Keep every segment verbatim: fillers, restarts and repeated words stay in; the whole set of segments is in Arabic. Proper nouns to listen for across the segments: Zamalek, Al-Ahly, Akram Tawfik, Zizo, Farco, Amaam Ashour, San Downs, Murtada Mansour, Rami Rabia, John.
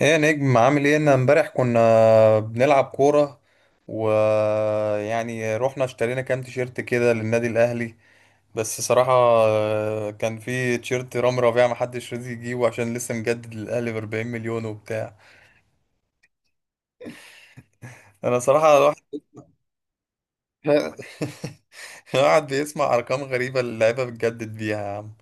ايه يا نجم، عامل ايه؟ انا امبارح كنا بنلعب كورة، ويعني رحنا اشترينا كام تيشيرت كده للنادي الاهلي. بس صراحة آه، كان في تيشيرت رامي ربيعة محدش راضي يجيبه عشان لسه مجدد للاهلي ب 40 مليون وبتاع. انا صراحة الواحد الواحد بيسمع ارقام غريبة، اللعيبة بتجدد بيها يا عم.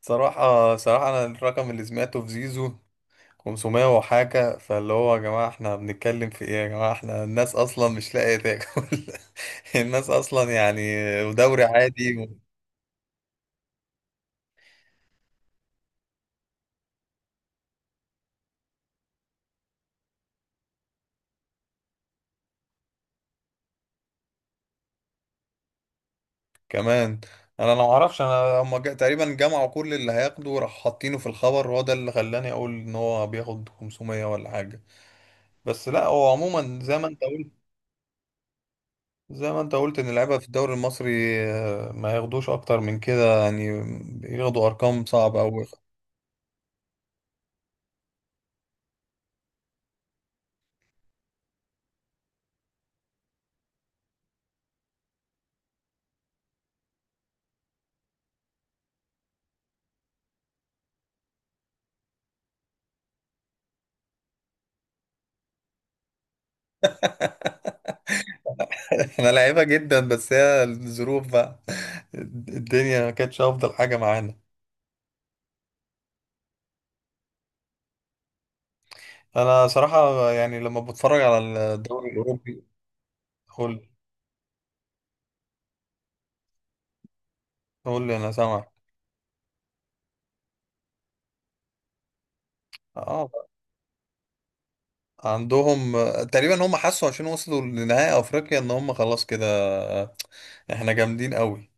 صراحة صراحة انا الرقم اللي سمعته في زيزو 500 وحاجة، فاللي هو يا جماعة احنا بنتكلم في ايه؟ يا جماعة، احنا الناس اصلا مش لاقية تاكل. الناس اصلا يعني دوري عادي كمان. انا ما اعرفش، انا هم جا- تقريبا جمعوا كل اللي هياخده راح حاطينه في الخبر، وهو ده اللي خلاني اقول ان هو بياخد خمسمية ولا حاجة. بس لا، هو عموما زي ما انت قلت. زي ما انت قلت ان اللعيبة في الدوري المصري آه، ما ياخدوش اكتر من كده، يعني ياخدوا ارقام صعبة قوي. احنا لعيبة جدا، بس هي الظروف بقى. الدنيا ما كانتش افضل حاجة معانا. انا صراحة يعني لما بتفرج على الدوري الاوروبي. قول، قول لي، انا سامعك. اه. عندهم تقريبا هم حسوا، عشان وصلوا لنهائي افريقيا ان هم خلاص كده احنا جامدين قوي،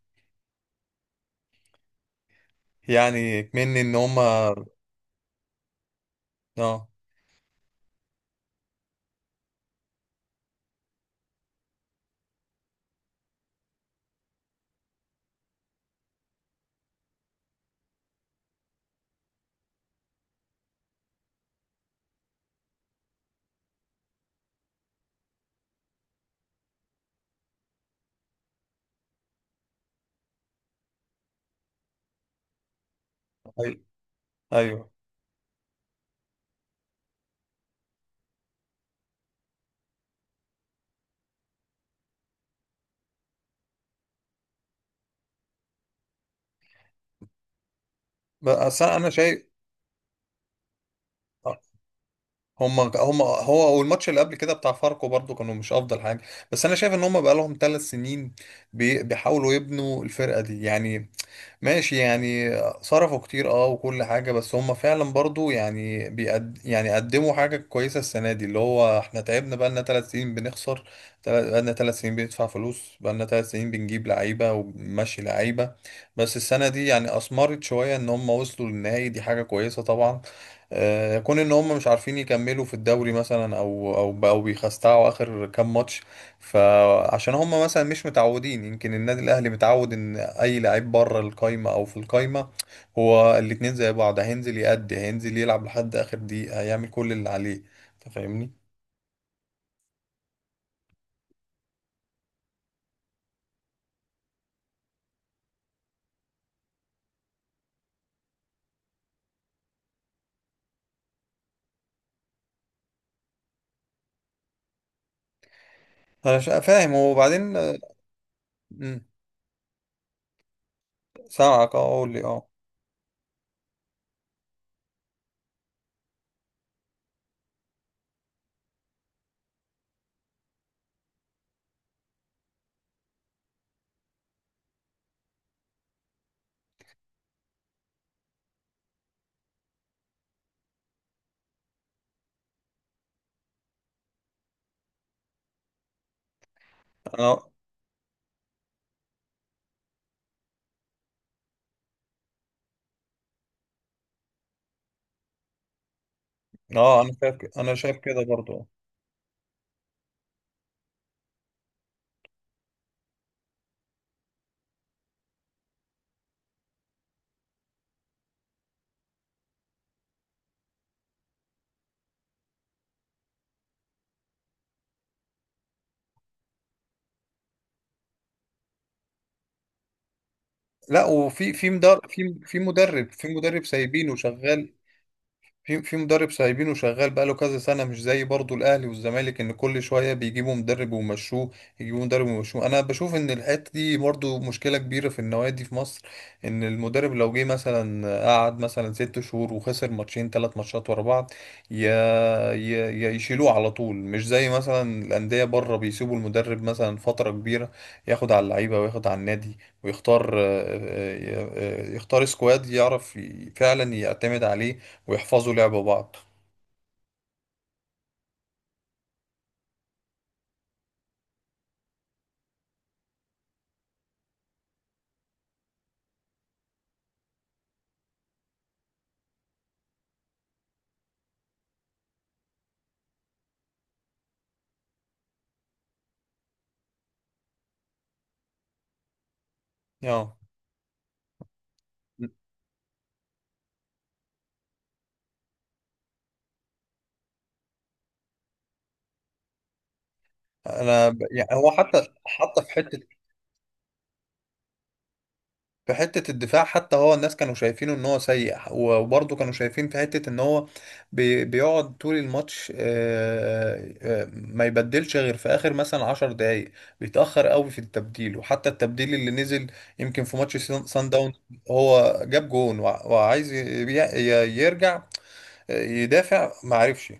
يعني مني ان هم. اه. أي- ايوه. بس انا شايف هم هم هو والماتش اللي قبل كده بتاع فاركو برضو كانوا مش افضل حاجه. بس انا شايف ان هم بقى لهم ثلاث سنين بي- بيحاولوا يبنوا الفرقه دي، يعني ماشي يعني. صرفوا كتير اه وكل حاجة، بس هم فعلا برضو يعني بيقد يعني قدموا حاجة كويسة السنة دي، اللي هو احنا تعبنا بقالنا ثلاث سنين بنخسر، تل- بقالنا ثلاث سنين بندفع فلوس، بقالنا ثلاث سنين بنجيب لعيبة وبنمشي لعيبة. بس السنة دي يعني أثمرت شوية إن هم وصلوا للنهائي، دي حاجة كويسة طبعا. آه، كون إن هم مش عارفين يكملوا في الدوري مثلا، أو أو بقوا بيخستعوا آخر كام ماتش، فعشان هم مثلا مش متعودين. يمكن النادي الاهلي متعود ان اي لعيب بره القايمه او في القايمه هو الاتنين زي بعض، هينزل يأدي، هينزل يلعب لحد اخر دقيقه، هيعمل كل اللي عليه. انت فاهمني؟ انا شا- فاهم. وبعدين آه، مم، سامعك، اه قول لي. اه. انا اه انا شايف ك- انا شايف كده برضه. لا، وفي في مدرب، في في مدرب، في مدرب سايبينه شغال، في في مدرب سايبينه شغال بقاله كذا سنة، مش زي برضو الأهلي والزمالك إن كل شوية بيجيبوا مدرب ويمشوه، يجيبوا مدرب ويمشوه. أنا بشوف إن الحتة دي برضو مشكلة كبيرة في النوادي في مصر، إن المدرب لو جه مثلا قعد مثلا ست شهور وخسر ماتشين تلات ماتشات ورا بعض يا يا يا يشيلوه على طول. مش زي مثلا الأندية بره بيسيبوا المدرب مثلا فترة كبيرة ياخد على اللعيبة وياخد على النادي، ويختار آه، آه، آه، آه، يختار سكواد يعرف ي- فعلا يعتمد عليه ويحفظوا لعب بعض. اه. انا ب... يعني هو حتى حتى في حته، في حته الدفاع، حتى هو الناس كانوا شايفينه ان هو سيء، وبرضه كانوا شايفين في حته ان هو بي... بيقعد طول الماتش آه، آه، ما يبدلش غير في اخر مثلا 10 دقائق، بيتاخر قوي في التبديل. وحتى التبديل اللي نزل، يمكن في ماتش سان سان داون، هو جاب جون وع- وعايز ي... ي- يرجع آه، يدافع، ما عرفش.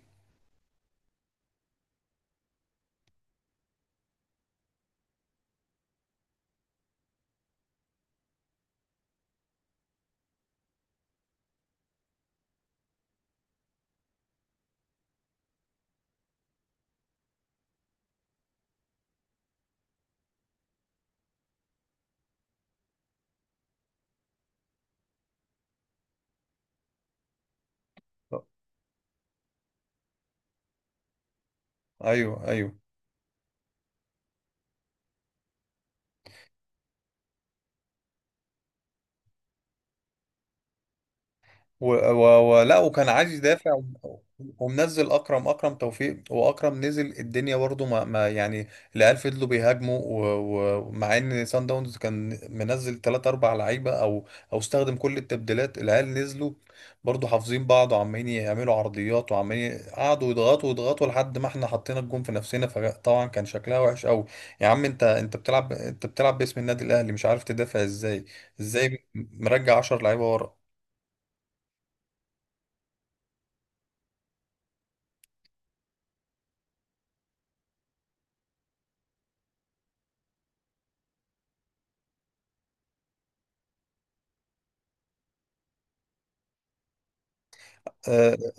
ايوه، ايوه. و... و... و... لا، وكان عايز يدافع و- ومنزل اكرم اكرم توفيق، واكرم نزل الدنيا برضه ما... ما يعني. العيال فضلوا بيهاجموا، و- و- ومع ان سان داونز كان منزل ثلاثة، اربع لعيبة لعيبه، او او استخدم كل التبديلات، العيال نزلوا برضه حافظين بعض وعمالين يعملوا عرضيات، وعمالين قعدوا يضغطوا يضغطوا لحد ما احنا حطينا الجون في نفسنا، فطبعا كان شكلها وحش قوي. يا عم، انت انت بتلعب انت بتلعب باسم النادي الاهلي مش عارف تدافع ازاي؟ ازاي مرجع عشر لعيبة لعيبه ورا؟ آه،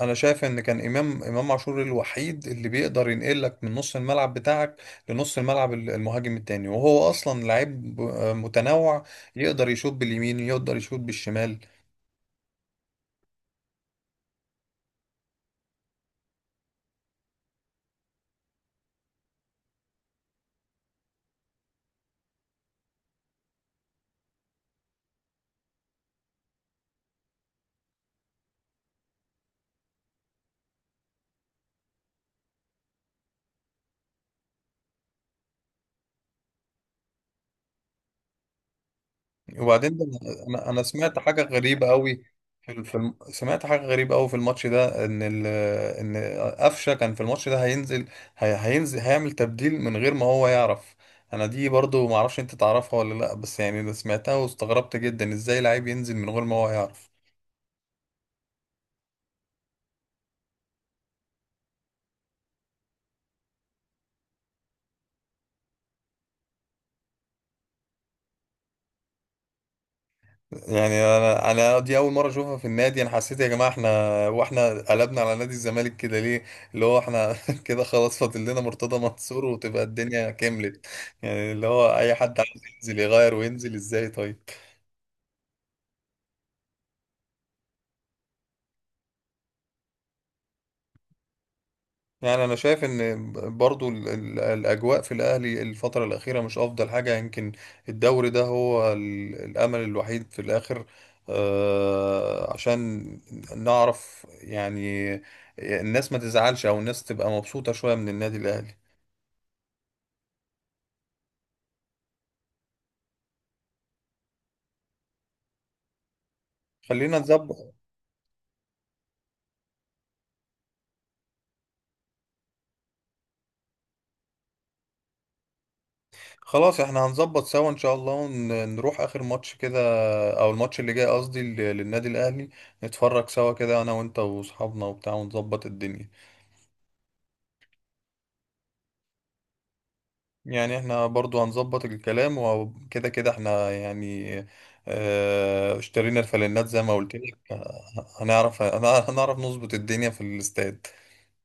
انا شايف ان كان امام امام عاشور الوحيد اللي بيقدر ينقلك من نص الملعب بتاعك لنص الملعب، ال- المهاجم التاني، وهو اصلا لعيب ب- متنوع، يقدر يشوط باليمين يقدر يشوط بالشمال. وبعدين ده، انا انا سمعت حاجه غريبه قوي في ال- في الم... سمعت حاجه غريبه قوي في الماتش ده ان ال... ان قفشه كان في الماتش ده هينزل، هي... هينزل، هيعمل تبديل من غير ما هو يعرف. انا دي برضو معرفش انت تعرفها ولا لا، بس يعني ده سمعتها واستغربت جدا، ازاي لعيب ينزل من غير ما هو يعرف؟ يعني انا انا دي اول مره اشوفها في النادي. انا حسيت يا جماعه احنا، واحنا قلبنا على نادي الزمالك كده ليه؟ اللي هو احنا كده خلاص فاضل لنا مرتضى منصور وتبقى الدنيا كملت، يعني اللي هو اي حد عايز ينزل يغير وينزل، ازاي طيب؟ يعني انا شايف ان برضو ال- ال- الاجواء في الاهلي الفتره الاخيره مش افضل حاجه. يمكن الدوري ده هو ال- الامل الوحيد في الاخر، آه، عشان نعرف يعني الناس ما تزعلش او الناس تبقى مبسوطه شويه من النادي الاهلي. خلينا نظبط. خلاص احنا هنظبط سوا ان شاء الله، ونروح اخر ماتش كده، او الماتش اللي جاي قصدي لل- للنادي الاهلي. نتفرج سوا كده انا وانت واصحابنا وبتاع ونظبط الدنيا. يعني احنا برضو هنظبط الكلام، وكده كده احنا يعني، اه اشترينا الفانلات زي ما قلت لك. آه، هنعرف هنعرف هنعرف نظبط الدنيا في الاستاد.